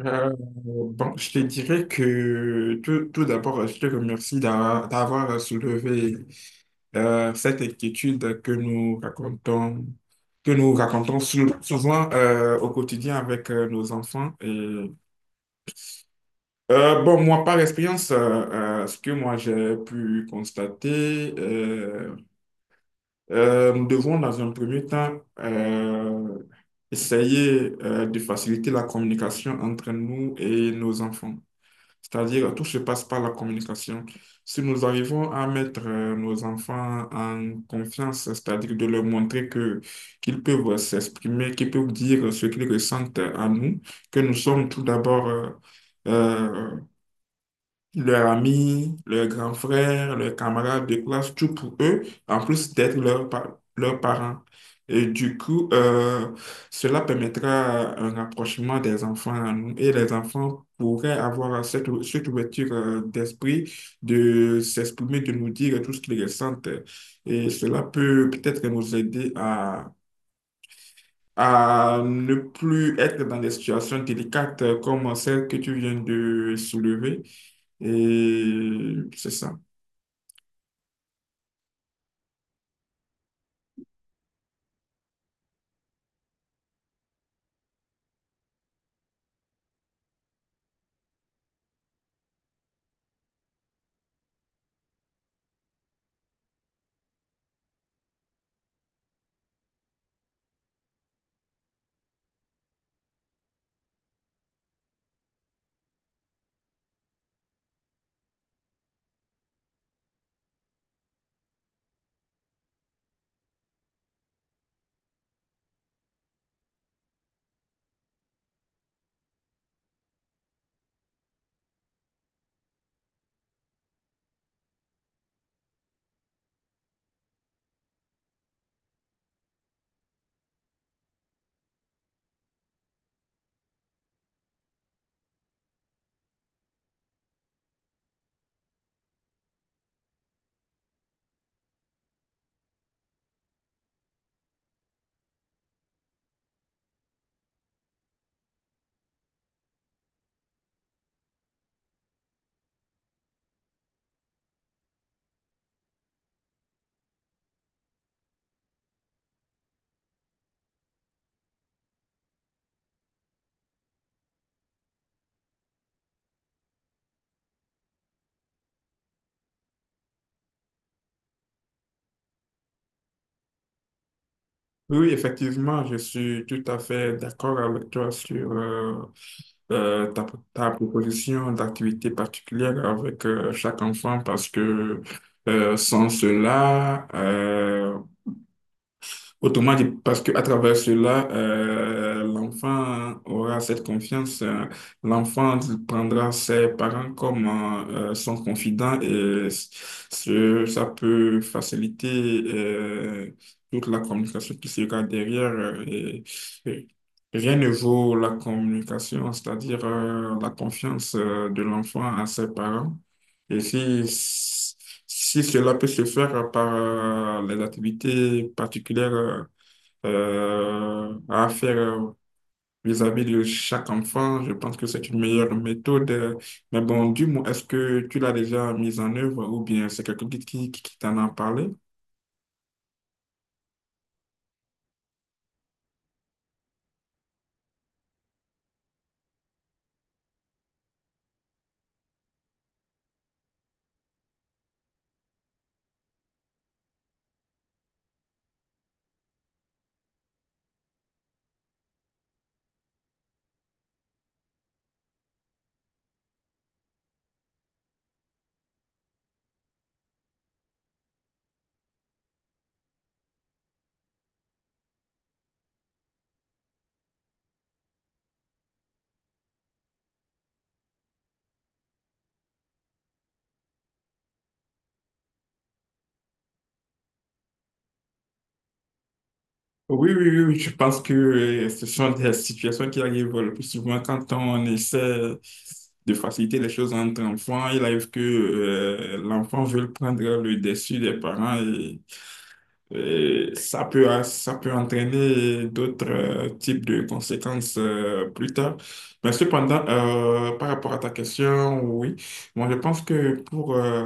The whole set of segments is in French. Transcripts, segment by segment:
Je te dirais que tout d'abord, je te remercie d'avoir soulevé cette inquiétude que nous racontons souvent au quotidien avec nos enfants. Moi, par expérience, ce que moi j'ai pu constater, nous devons dans un premier temps essayer de faciliter la communication entre nous et nos enfants. C'est-à-dire, tout se passe par la communication. Si nous arrivons à mettre nos enfants en confiance, c'est-à-dire de leur montrer que qu'ils peuvent s'exprimer, qu'ils peuvent dire ce qu'ils ressentent à nous, que nous sommes tout d'abord euh, leurs amis, leurs grands frères, leurs camarades de classe, tout pour eux, en plus d'être leurs parents. Et du coup, cela permettra un rapprochement des enfants à nous, et les enfants pourraient avoir cette ouverture d'esprit de s'exprimer, de nous dire tout ce qu'ils ressentent. Et cela peut peut-être nous aider à ne plus être dans des situations délicates comme celle que tu viens de soulever. Et c'est ça. Oui, effectivement, je suis tout à fait d'accord avec toi sur euh, ta, ta proposition d'activité particulière avec chaque enfant, parce que sans cela, autrement dit, parce qu'à travers cela, l'enfant aura cette confiance. L'enfant prendra ses parents comme son confident, ça peut faciliter toute la communication qui sera derrière. Et rien ne vaut la communication, c'est-à-dire la confiance de l'enfant à ses parents. Et si cela peut se faire par les activités particulières, à faire vis-à-vis de chaque enfant, je pense que c'est une meilleure méthode. Mais bon, du moins, est-ce que tu l'as déjà mise en œuvre, ou bien c'est quelqu'un qui t'en a parlé? Oui, oui, oui, oui, je pense que ce sont des situations qui arrivent le plus souvent quand on essaie de faciliter les choses entre enfants. Il arrive que l'enfant veut prendre le dessus des parents. Et ça peut, hein, ça peut entraîner d'autres types de conséquences plus tard. Mais cependant, par rapport à ta question, oui, moi je pense que pour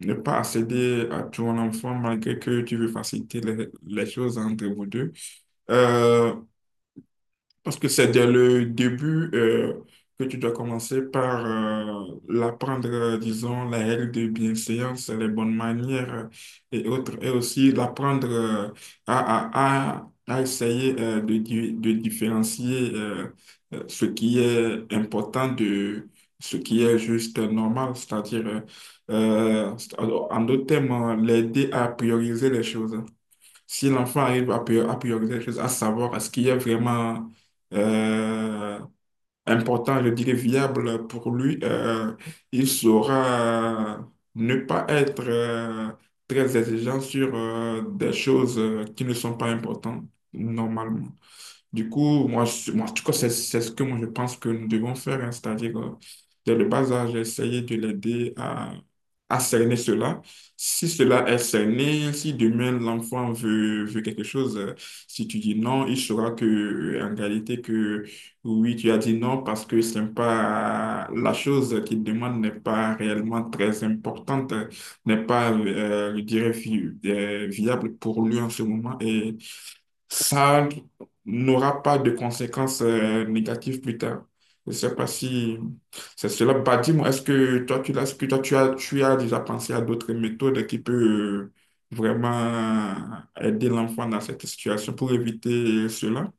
ne pas accéder à ton enfant, malgré que tu veux faciliter les choses entre vous deux, euh, parce que c'est dès le début que tu dois commencer par l'apprendre, disons, les règles de bienséance, les bonnes manières et autres, et aussi l'apprendre à essayer de différencier ce qui est important de ce qui est juste normal, c'est-à-dire, euh, en d'autres termes, l'aider à prioriser les choses. Si l'enfant arrive à prioriser les choses, à savoir ce qui est vraiment euh, important, je dirais viable pour lui, il saura ne pas être très exigeant sur des choses qui ne sont pas importantes normalement. Du coup, moi en tout cas, c'est ce que moi, je pense que nous devons faire, hein. C'est-à-dire, dès le bas âge, essayer de l'aider à cerner cela. Si cela est cerné, si demain l'enfant veut quelque chose, si tu dis non, il saura que, en réalité, que oui, tu as dit non parce que c'est pas la chose qu'il demande n'est pas réellement très importante, n'est pas, je dirais, viable pour lui en ce moment. Et ça n'aura pas de conséquences négatives plus tard. Je ne sais pas si c'est cela. Bah, dis-moi, est-ce que est-ce que toi, tu as déjà pensé à d'autres méthodes qui peuvent vraiment aider l'enfant dans cette situation pour éviter cela?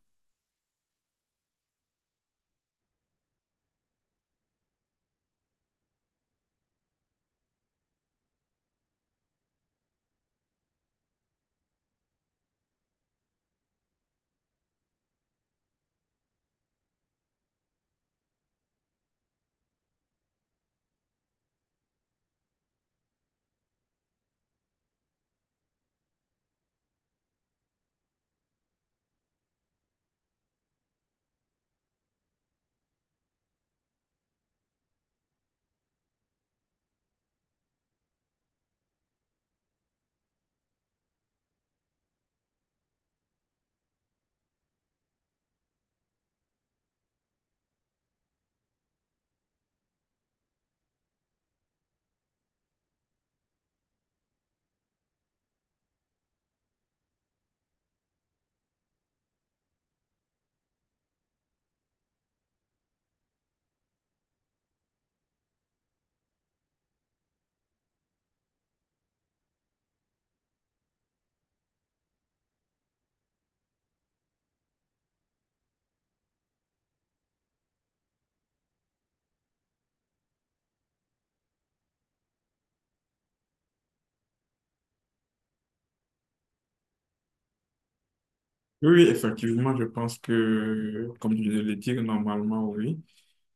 Oui, effectivement, je pense que, comme je viens de le dire, normalement, oui.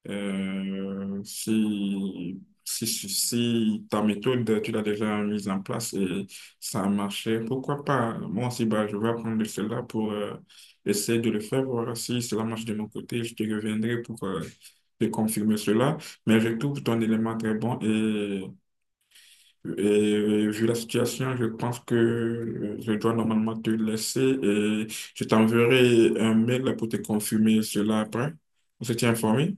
Si ta méthode, tu l'as déjà mise en place et ça a marché, pourquoi pas? Moi aussi, bah, je vais apprendre cela pour essayer de le faire, voir si cela marche de mon côté. Je te reviendrai pour te confirmer cela. Mais je trouve ton élément très bon, et vu la situation, je pense que je dois normalement te laisser, et je t'enverrai un mail pour te confirmer cela après. On se tient informé.